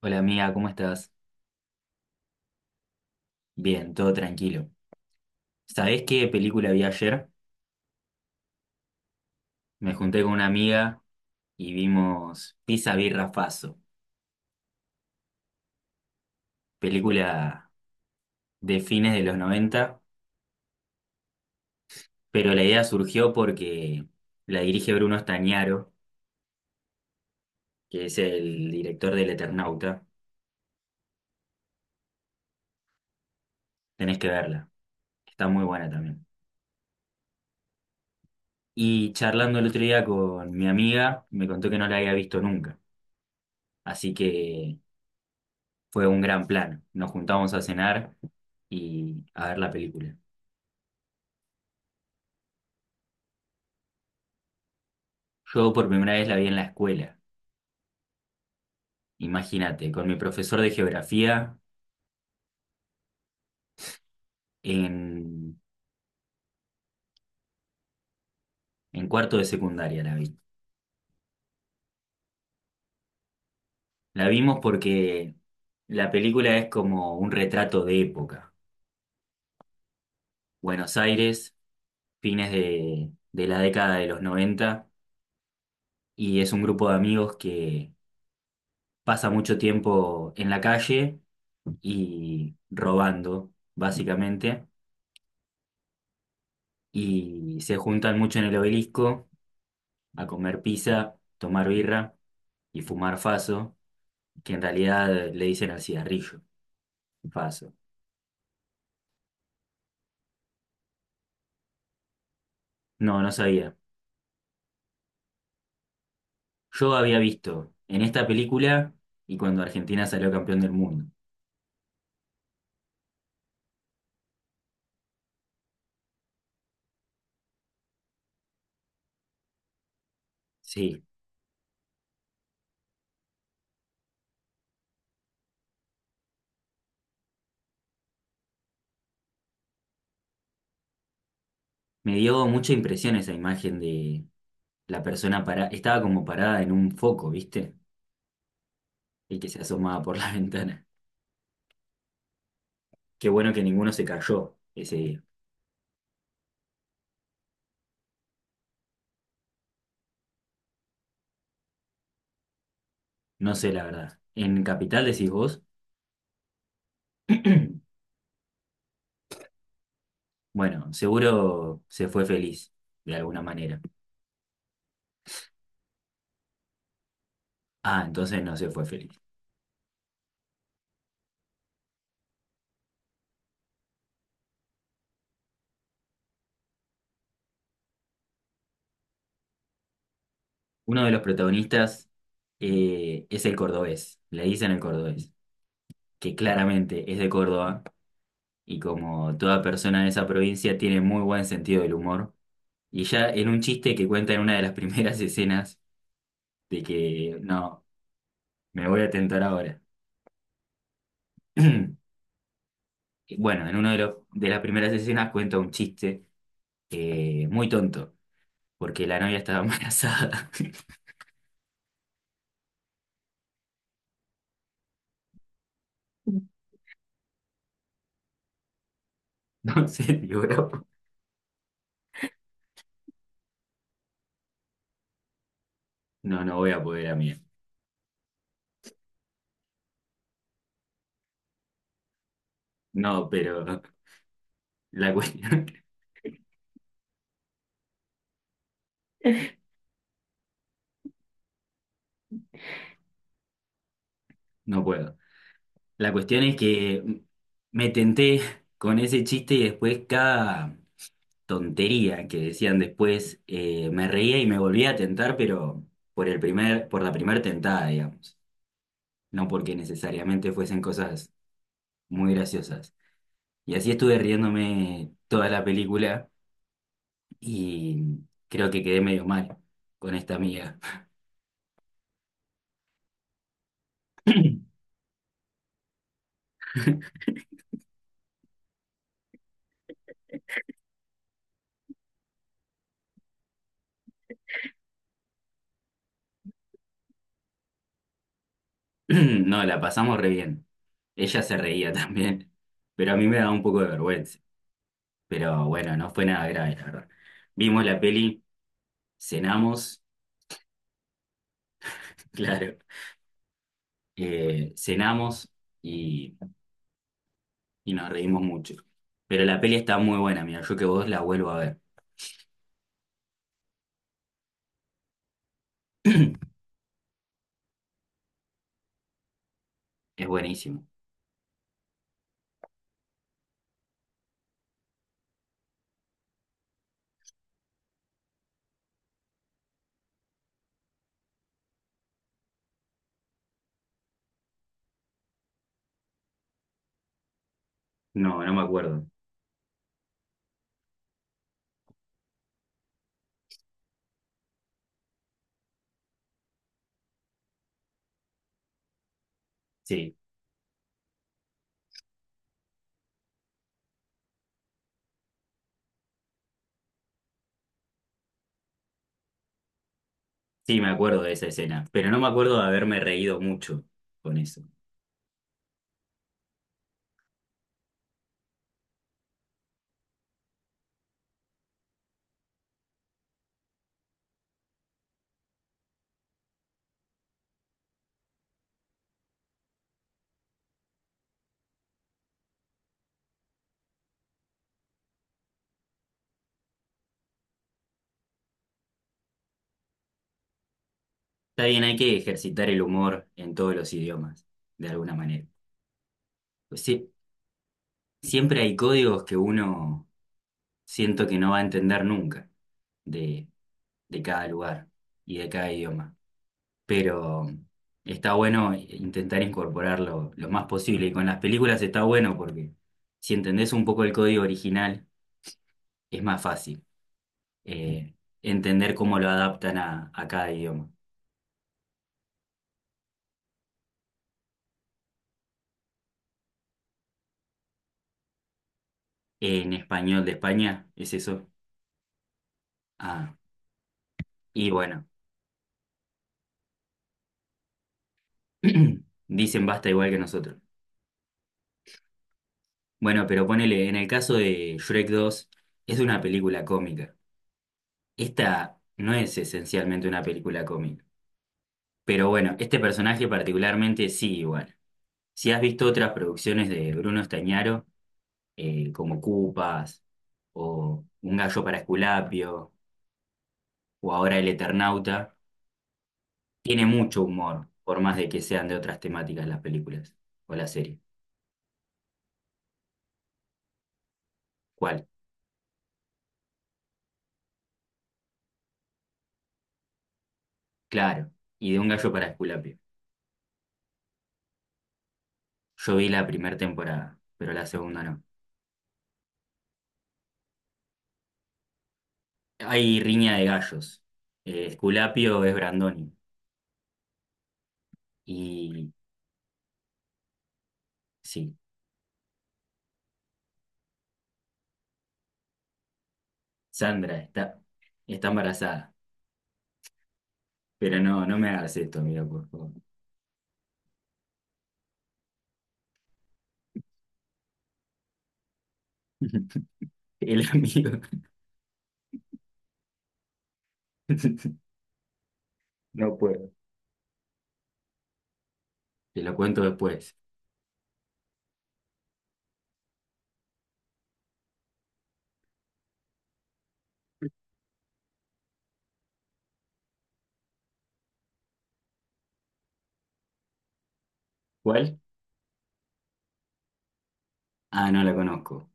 Hola amiga, ¿cómo estás? Bien, todo tranquilo. ¿Sabés qué película vi ayer? Me junté con una amiga y vimos Pisa Birra Faso, película de fines de los 90. Pero la idea surgió porque la dirige Bruno Stagnaro, que es el director del Eternauta. Tenés que verla, está muy buena también. Y charlando el otro día con mi amiga, me contó que no la había visto nunca, así que fue un gran plan. Nos juntamos a cenar y a ver la película. Yo por primera vez la vi en la escuela, imagínate, con mi profesor de geografía en, en cuarto de secundaria la vi. La vimos porque la película es como un retrato de época. Buenos Aires, fines de la década de los noventa, y es un grupo de amigos que pasa mucho tiempo en la calle y robando, básicamente, y se juntan mucho en el obelisco a comer pizza, tomar birra y fumar faso, que en realidad le dicen al cigarrillo, faso. No, no sabía. Yo había visto en esta película y cuando Argentina salió campeón del mundo. Sí, me dio mucha impresión esa imagen de la persona para estaba como parada en un foco, ¿viste? Y que se asomaba por la ventana. Qué bueno que ninguno se cayó ese día. No sé la verdad. ¿En Capital decís vos? Bueno, seguro se fue feliz, de alguna manera. Ah, entonces no se fue feliz. Uno de los protagonistas es el cordobés, le dicen el cordobés, que claramente es de Córdoba y como toda persona de esa provincia tiene muy buen sentido del humor. Y ya en un chiste que cuenta en una de las primeras escenas de que no, me voy a tentar ahora. Y bueno, en una de, de las primeras escenas cuenta un chiste muy tonto, porque la novia estaba embarazada. Entonces, digo, no, voy a poder a. No, pero... La cuestión, no puedo. La cuestión es que me tenté con ese chiste y después cada tontería que decían después, me reía y me volvía a tentar, pero por el primer, por la primera tentada, digamos. No porque necesariamente fuesen cosas muy graciosas. Y así estuve riéndome toda la película y creo que quedé medio mal con esta amiga. No, la pasamos re bien. Ella se reía también, pero a mí me daba un poco de vergüenza. Pero bueno, no fue nada grave, la verdad. Vimos la peli, cenamos, claro, cenamos y, y nos reímos mucho. Pero la peli está muy buena, mira, yo que vos la vuelvo a ver. Es buenísimo. No, no me acuerdo. Sí, sí me acuerdo de esa escena, pero no me acuerdo de haberme reído mucho con eso. Está bien, hay que ejercitar el humor en todos los idiomas, de alguna manera. Pues sí, siempre hay códigos que uno siento que no va a entender nunca de, de cada lugar y de cada idioma. Pero está bueno intentar incorporarlo lo más posible. Y con las películas está bueno porque si entendés un poco el código original, es más fácil, eh, entender cómo lo adaptan a cada idioma. ¿En español de España, es eso? Ah, y bueno, dicen basta igual que nosotros. Bueno, pero ponele, en el caso de Shrek 2, es una película cómica. Esta no es esencialmente una película cómica, pero bueno, este personaje particularmente sí, igual. Si has visto otras producciones de Bruno Estañaro, como Cupas o Un gallo para Esculapio o ahora El Eternauta, tiene mucho humor, por más de que sean de otras temáticas las películas o la serie. ¿Cuál? Claro, y de Un gallo para Esculapio. Yo vi la primera temporada, pero la segunda no. Hay riña de gallos. Esculapio es Brandoni y... Sí, Sandra está embarazada. Pero no, no me hagas esto, amigo, por favor. El amigo. No puedo. Te lo cuento después. ¿Cuál? Ah, no la conozco.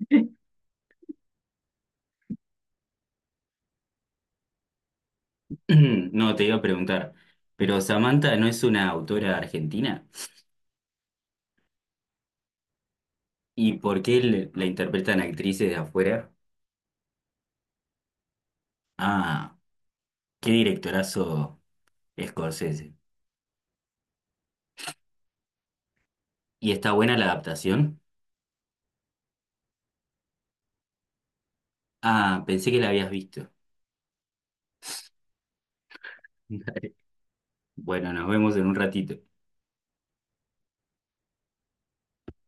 No, te iba a preguntar. Pero Samantha no es una autora argentina. ¿Y por qué le- la interpretan actrices de afuera? Ah, qué directorazo Scorsese. ¿Y está buena la adaptación? Ah, pensé que la habías visto. Bueno, nos vemos en un ratito.